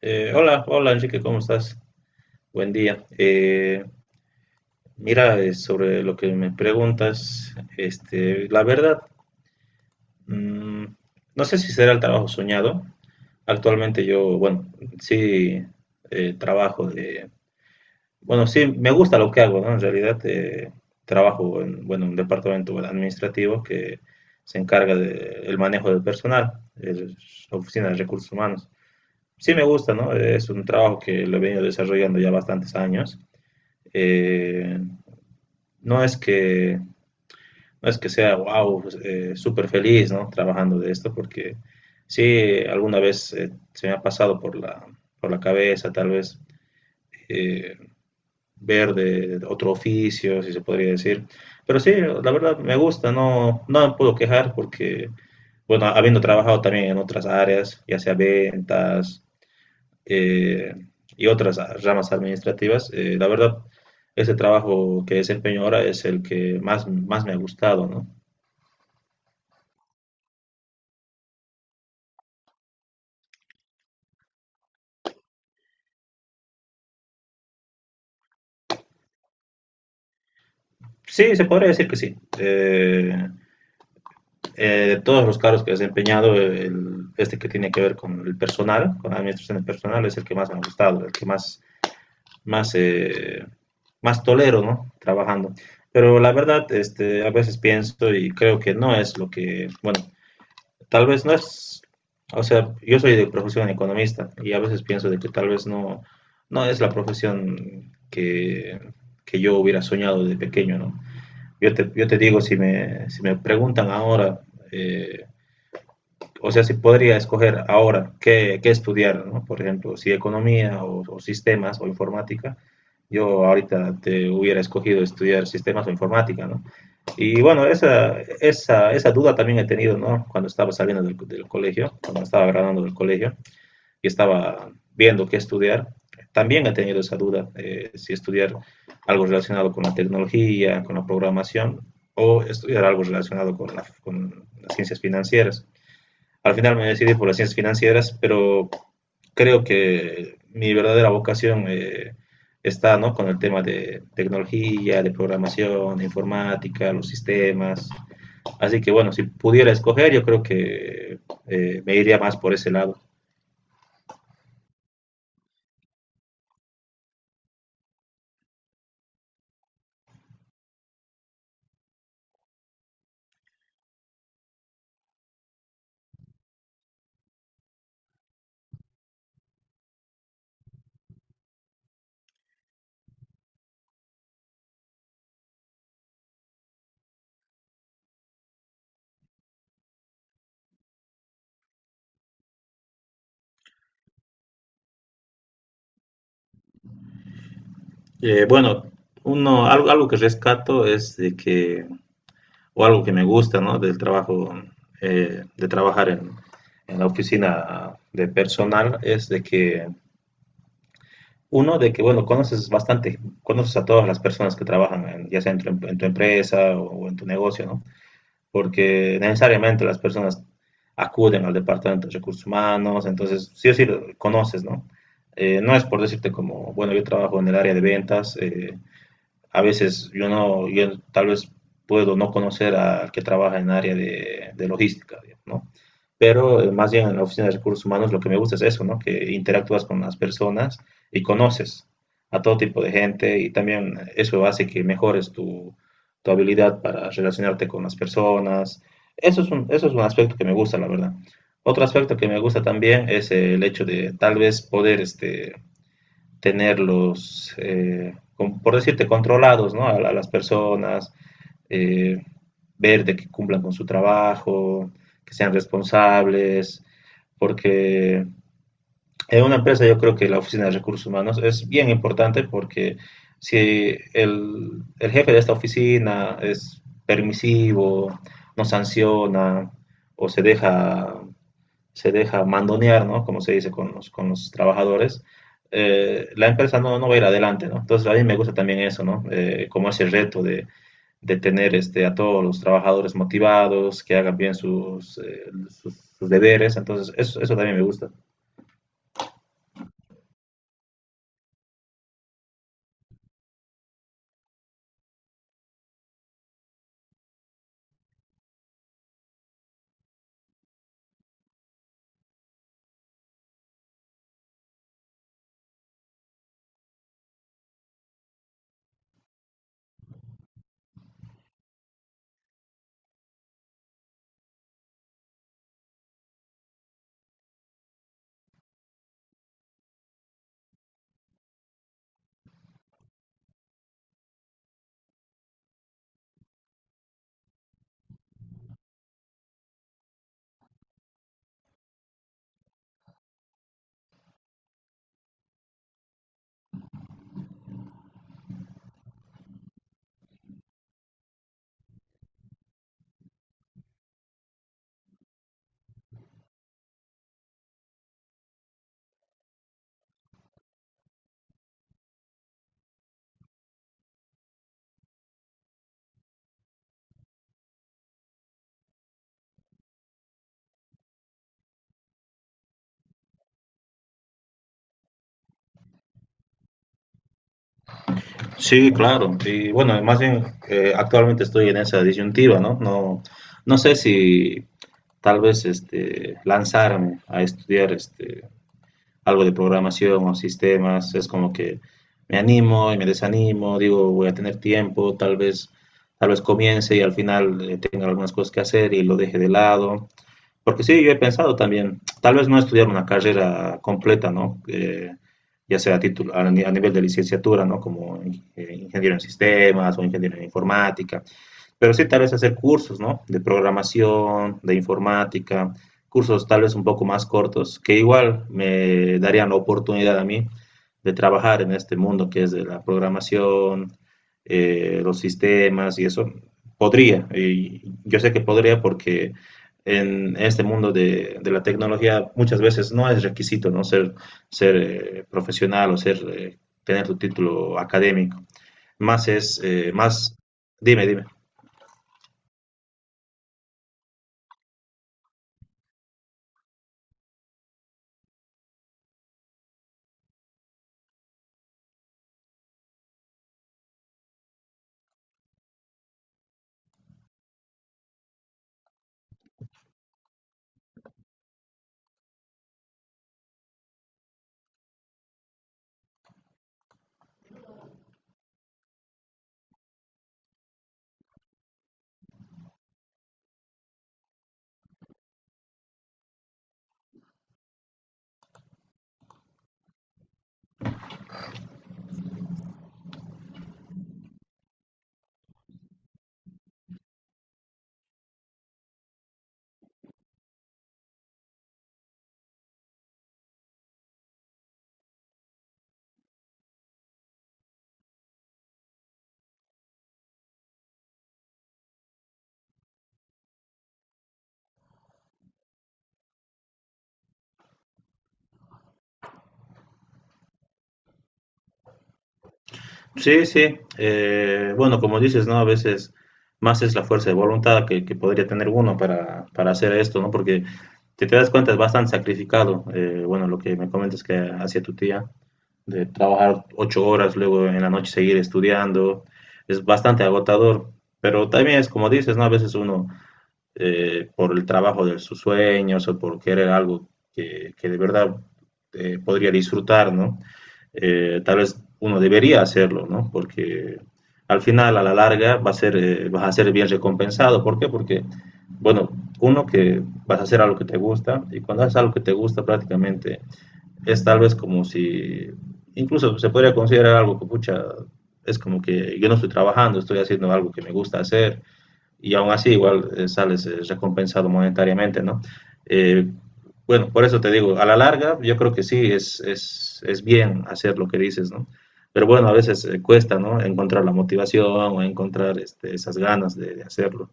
Hola, hola Enrique, ¿cómo estás? Buen día. Mira, sobre lo que me preguntas, este, la verdad, mm, no sé si será el trabajo soñado. Actualmente yo, bueno, sí trabajo de, bueno, sí me gusta lo que hago, ¿no? En realidad trabajo en, bueno, un departamento bueno, administrativo que se encarga del manejo del personal, es la oficina de recursos humanos. Sí me gusta, ¿no? Es un trabajo que lo he venido desarrollando ya bastantes años eh, no es que no es que sea wow, súper feliz, ¿no? Trabajando de esto, porque sí, alguna vez se me ha pasado por la cabeza, tal vez eh, ver de otro oficio, si se podría decir. Pero sí, la verdad me gusta, no, no me puedo quejar porque, bueno, habiendo trabajado también en otras áreas, ya sea ventas, eh, y otras ramas administrativas. La verdad, ese trabajo que desempeño ahora es el que más, más me ha gustado, ¿no? Sí, se podría decir que sí. Eh, de todos los cargos que he desempeñado, este que tiene que ver con el personal, con la administración del personal, es el que más me ha gustado, el que más, más, más tolero, ¿no? Trabajando. Pero la verdad, este, a veces pienso y creo que no es lo que, bueno, tal vez no es, o sea, yo soy de profesión economista y a veces pienso de que tal vez no, no es la profesión que yo hubiera soñado de pequeño, ¿no? Yo te digo, si me preguntan ahora, eh, o sea, si podría escoger ahora qué, qué estudiar, ¿no? Por ejemplo, si economía o sistemas o informática, yo ahorita te hubiera escogido estudiar sistemas o informática, ¿no? Y bueno, esa duda también he tenido, ¿no? Cuando estaba saliendo del, del colegio, cuando estaba graduando del colegio y estaba viendo qué estudiar, también he tenido esa duda, si estudiar algo relacionado con la tecnología, con la programación, o estudiar algo relacionado con, la, con las ciencias financieras. Al final me decidí por las ciencias financieras, pero creo que mi verdadera vocación está ¿no? con el tema de tecnología, de programación, de informática, los sistemas. Así que bueno, si pudiera escoger, yo creo que me iría más por ese lado. Bueno, uno, algo que rescato es de que, o algo que me gusta, ¿no? Del trabajo, de trabajar en la oficina de personal, es de que Uno, de que, bueno, conoces bastante, conoces a todas las personas que trabajan, ya sea en tu, en tu empresa o en tu negocio, ¿no? Porque necesariamente las personas acuden al departamento de recursos humanos, entonces sí o sí lo conoces, ¿no? No es por decirte como, bueno, yo trabajo en el área de ventas, a veces yo no, yo tal vez puedo no conocer al que trabaja en área de logística, digamos, ¿no? Pero más bien en la oficina de recursos humanos lo que me gusta es eso, ¿no? Que interactúas con las personas y conoces a todo tipo de gente y también eso hace que mejores tu, tu habilidad para relacionarte con las personas. Eso es un aspecto que me gusta, la verdad. Otro aspecto que me gusta también es el hecho de tal vez poder este, tenerlos, por decirte, controlados, ¿no? A las personas, eh, ver de que cumplan con su trabajo, que sean responsables, porque en una empresa yo creo que la oficina de recursos humanos es bien importante porque si el jefe de esta oficina es permisivo, no sanciona o se deja mandonear, ¿no? Como se dice con los trabajadores, la empresa no, no va a ir adelante, ¿no? Entonces a mí me gusta también eso, ¿no? Como ese reto de tener este, a todos los trabajadores motivados, que hagan bien sus, sus deberes, entonces eso también me gusta. Sí, claro, y bueno, más bien actualmente estoy en esa disyuntiva, ¿no? No, no sé si tal vez este, lanzarme a estudiar este, algo de programación o sistemas, es como que me animo y me desanimo, digo, voy a tener tiempo, tal vez comience y al final tenga algunas cosas que hacer y lo deje de lado. Porque sí, yo he pensado también, tal vez no estudiar una carrera completa, ¿no? Ya sea a, título, a nivel de licenciatura, ¿no? Ingeniero en sistemas o ingeniero en informática, pero sí tal vez hacer cursos, ¿no? De programación, de informática, cursos tal vez un poco más cortos, que igual me darían la oportunidad a mí de trabajar en este mundo que es de la programación, los sistemas y eso. Podría, y yo sé que podría porque en este mundo de la tecnología muchas veces no es requisito, ¿no? Ser profesional o ser, tener tu título académico. Más es, más, dime, dime. Sí, sí. Bueno, como dices, ¿no? A veces más es la fuerza de voluntad que podría tener uno para hacer esto, ¿no? Porque si te das cuenta es bastante sacrificado. Bueno, lo que me comentas que hacía tu tía, de trabajar 8 horas, luego en la noche seguir estudiando, es bastante agotador. Pero también es como dices, ¿no? A veces uno por el trabajo de sus sueños o por querer algo que de verdad podría disfrutar, ¿no? Tal vez uno debería hacerlo, ¿no? Porque al final, a la larga, va a ser, vas a ser bien recompensado. ¿Por qué? Porque, bueno, uno que vas a hacer algo que te gusta y cuando haces algo que te gusta prácticamente es tal vez como si, incluso se podría considerar algo que, pucha, es como que yo no estoy trabajando, estoy haciendo algo que me gusta hacer y aún así igual sales recompensado monetariamente, ¿no? Eh, bueno, por eso te digo, a la larga yo creo que sí es bien hacer lo que dices, ¿no? Pero bueno, a veces cuesta, ¿no? Encontrar la motivación o encontrar este, esas ganas de hacerlo.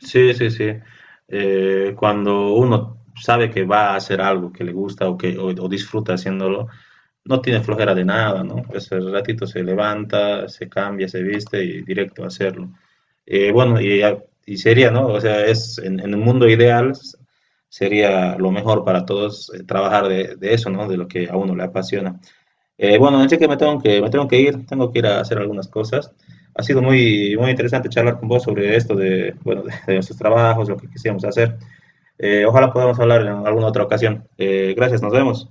Sí, sí, sí. Cuando uno sabe que va a hacer algo que le gusta o que o disfruta haciéndolo, no tiene flojera de nada, ¿no? Pues el ratito se levanta, se cambia, se viste y directo a hacerlo. Bueno, y sería, ¿no? O sea, es en el mundo ideal sería lo mejor para todos trabajar de eso, ¿no? De lo que a uno le apasiona. Bueno, así que me tengo que ir a hacer algunas cosas. Ha sido muy muy interesante charlar con vos sobre esto de bueno de nuestros trabajos, lo que quisiéramos hacer. Ojalá podamos hablar en alguna otra ocasión. Gracias, nos vemos.